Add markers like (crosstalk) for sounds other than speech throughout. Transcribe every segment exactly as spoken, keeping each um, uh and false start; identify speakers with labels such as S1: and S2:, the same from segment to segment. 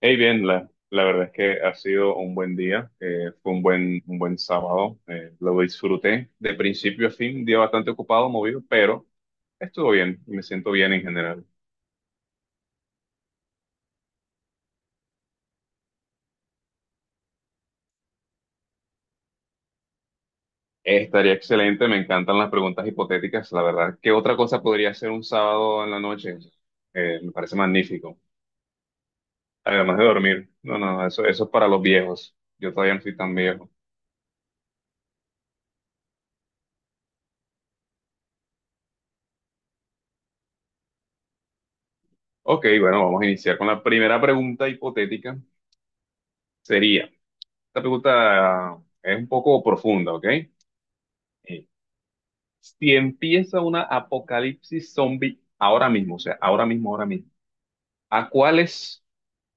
S1: Hey, bien, la, la verdad es que ha sido un buen día, eh, fue un buen, un buen sábado, eh, lo disfruté de principio a fin, un día bastante ocupado, movido, pero estuvo bien, me siento bien en general. Eh, estaría excelente, me encantan las preguntas hipotéticas, la verdad. ¿Qué otra cosa podría ser un sábado en la noche? Eh, me parece magnífico, además de dormir. No, no, eso, eso es para los viejos, yo todavía no soy tan viejo. Ok, bueno, vamos a iniciar con la primera pregunta hipotética. Sería... Esta pregunta es un poco profunda, ¿ok? Eh, Si empieza una apocalipsis zombie ahora mismo, o sea, ahora mismo, ahora mismo, ¿a cuáles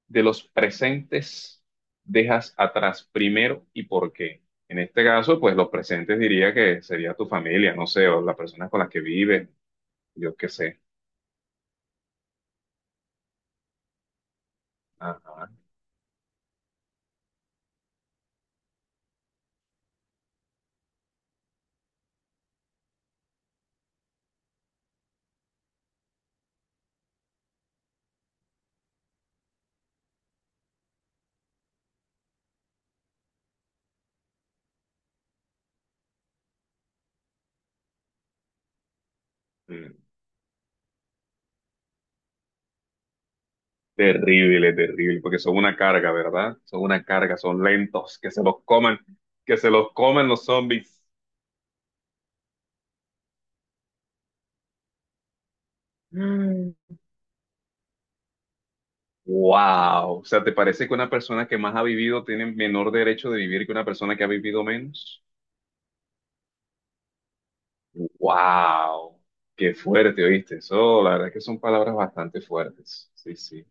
S1: de los presentes dejas atrás primero y por qué? En este caso, pues los presentes diría que sería tu familia, no sé, o las personas con las que vives, yo qué sé. Ajá. Mm, terrible, terrible, porque son una carga, ¿verdad? Son una carga, son lentos, que se los coman, que se los coman los zombies. Wow, o sea, ¿te parece que una persona que más ha vivido tiene menor derecho de vivir que una persona que ha vivido menos? Wow, qué fuerte, ¿oíste? Eso, la verdad es que son palabras bastante fuertes. Sí, sí.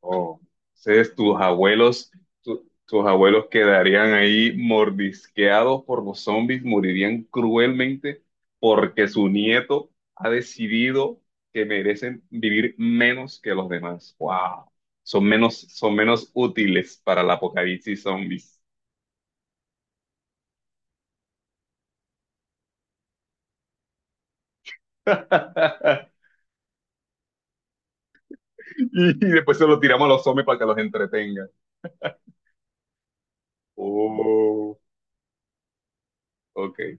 S1: Oh, entonces tus abuelos, tu- tus abuelos quedarían ahí mordisqueados por los zombies, morirían cruelmente porque su nieto ha decidido que merecen vivir menos que los demás. Wow, son menos, son menos útiles para el apocalipsis zombies. (laughs) Y después se lo tiramos a los zombies para que los entretengan. Oh, ok.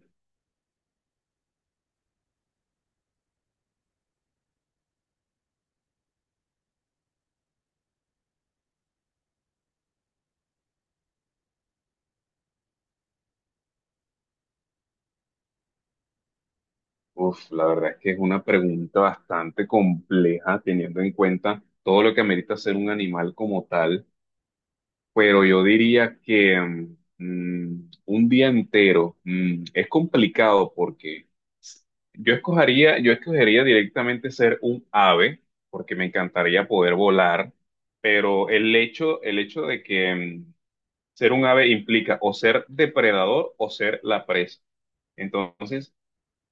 S1: Uf, la verdad es que es una pregunta bastante compleja teniendo en cuenta todo lo que amerita ser un animal como tal, pero yo diría que mm, un día entero mm, es complicado porque yo escogería, yo escogería directamente ser un ave porque me encantaría poder volar, pero el hecho, el hecho de que mm, ser un ave implica o ser depredador o ser la presa. Entonces,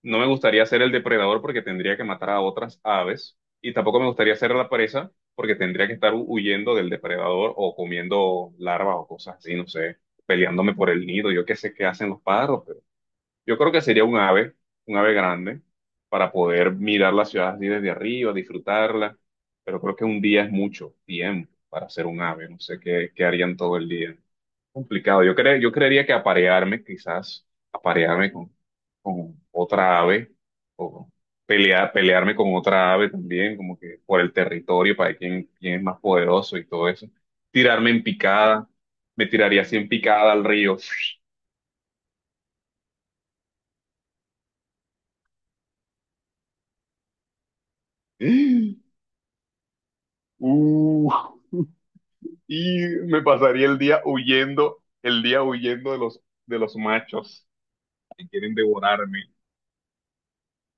S1: no me gustaría ser el depredador porque tendría que matar a otras aves y tampoco me gustaría ser la presa porque tendría que estar hu- huyendo del depredador o comiendo larvas o cosas así, no sé, peleándome por el nido, yo qué sé qué hacen los pájaros, pero yo creo que sería un ave, un ave grande para poder mirar la ciudad así desde arriba, disfrutarla, pero creo que un día es mucho tiempo para ser un ave, no sé qué, qué harían todo el día. Complicado. Yo cre- yo creería que aparearme, quizás, aparearme con, con otra ave, o pelear, pelearme con otra ave también, como que por el territorio, para ver quién, quién es más poderoso y todo eso. Tirarme en picada, me tiraría así en picada al río. (gasps) (laughs) Uh, y me pasaría el día huyendo, el día huyendo de los, de los machos que quieren devorarme.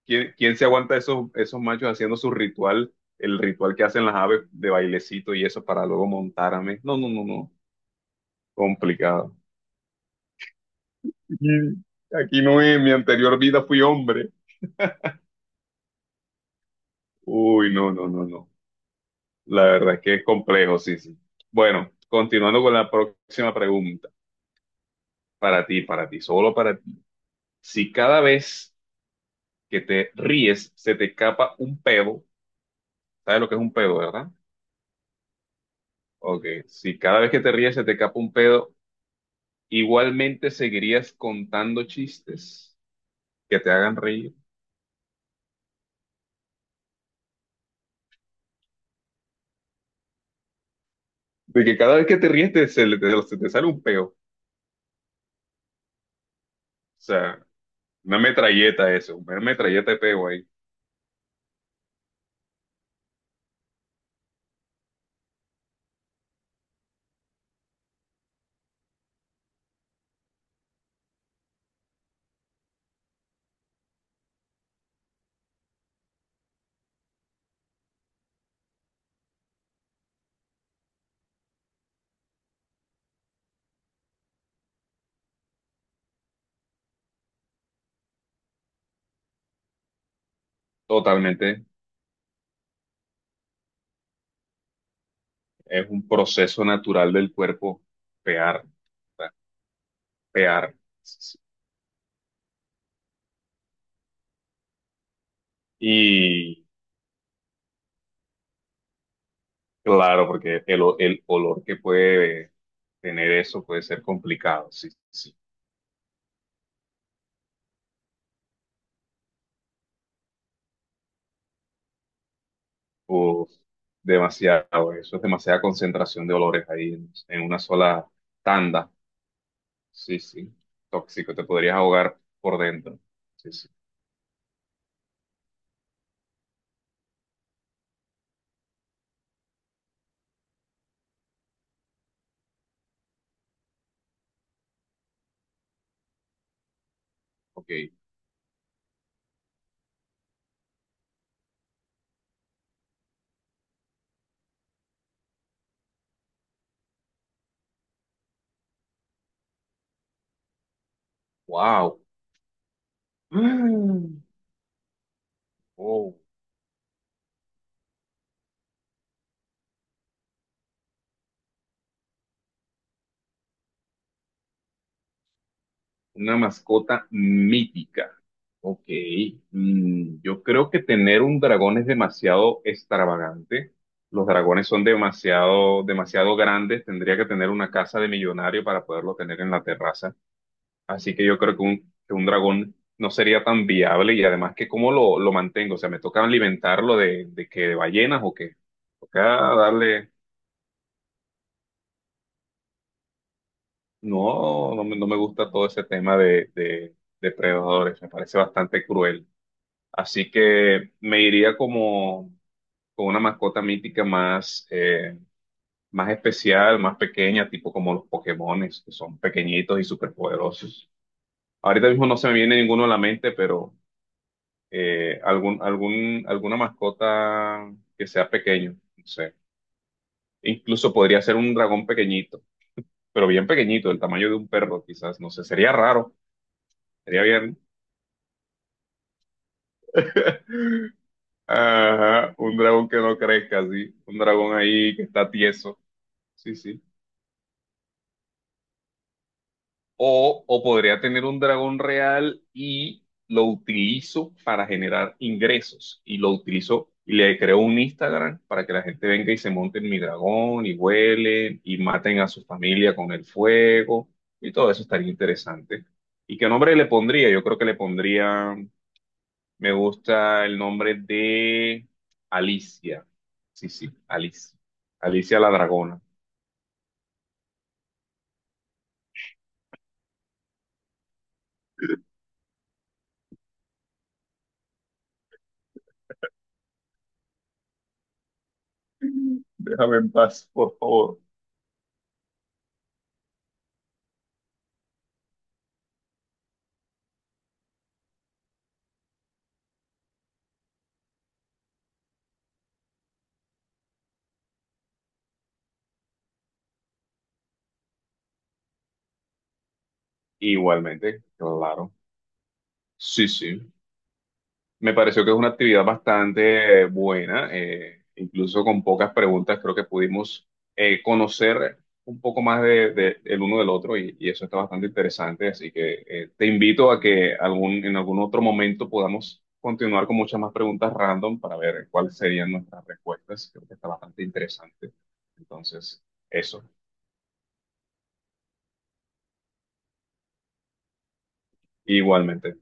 S1: ¿Quién, quién se aguanta esos, esos machos haciendo su ritual, el ritual que hacen las aves de bailecito y eso para luego montarme? No, no, no, no. Complicado. Aquí, aquí no es, en mi anterior vida fui hombre. Uy, no, no, no, no. La verdad es que es complejo, sí, sí. Bueno, continuando con la próxima pregunta. Para ti, para ti, solo para ti. Si cada vez que te ríes se te escapa un pedo, ¿sabes lo que es un pedo, verdad? Ok, si cada vez que te ríes se te escapa un pedo, igualmente seguirías contando chistes que te hagan reír. De que cada vez que te ríes te, se, le- te- se te sale un peo. O sea, una metralleta eso, una metralleta de peo ahí. Totalmente. Es un proceso natural del cuerpo pear, o sea, pear. Y claro, porque el, o- el olor que puede tener eso puede ser complicado. Sí, sí. Uf, demasiado. Eso es demasiada concentración de olores ahí en en una sola tanda. Sí, sí. Tóxico, te podrías ahogar por dentro. Sí, sí. Ok. Wow. Oh, una mascota mítica. Ok. Mm, yo creo que tener un dragón es demasiado extravagante. Los dragones son demasiado, demasiado grandes. Tendría que tener una casa de millonario para poderlo tener en la terraza. Así que yo creo que un, que un dragón no sería tan viable y además que cómo lo, lo mantengo, o sea, me toca alimentarlo de, de que de ballenas o qué. Toca darle, no, no me, no me gusta todo ese tema de, de depredadores, me parece bastante cruel. Así que me iría como con una mascota mítica más, eh, más especial, más pequeña, tipo como los Pokémones, que son pequeñitos y superpoderosos. Ahorita mismo no se me viene ninguno a la mente, pero eh, algún, algún, alguna mascota que sea pequeño, no sé. Incluso podría ser un dragón pequeñito, pero bien pequeñito, del tamaño de un perro, quizás, no sé, sería raro, sería bien. (laughs) Ajá, un dragón que no crezca, sí, un dragón ahí que está tieso, sí, sí. O, o podría tener un dragón real y lo utilizo para generar ingresos. Y lo utilizo y le creo un Instagram para que la gente venga y se monte en mi dragón y huelen y maten a su familia con el fuego. Y todo eso estaría interesante. ¿Y qué nombre le pondría? Yo creo que le pondría, me gusta el nombre de Alicia. Sí, sí, Alicia. Alicia la dragona. (laughs) Déjame en paz, por favor. Igualmente, claro. Sí, sí. Me pareció que es una actividad bastante eh, buena, eh, incluso con pocas preguntas, creo que pudimos eh, conocer un poco más de, de- el uno del otro y, y eso está bastante interesante. Así que eh, te invito a que algún, en algún otro momento podamos continuar con muchas más preguntas random para ver cuáles serían nuestras respuestas. Creo que está bastante interesante. Entonces, eso, igualmente.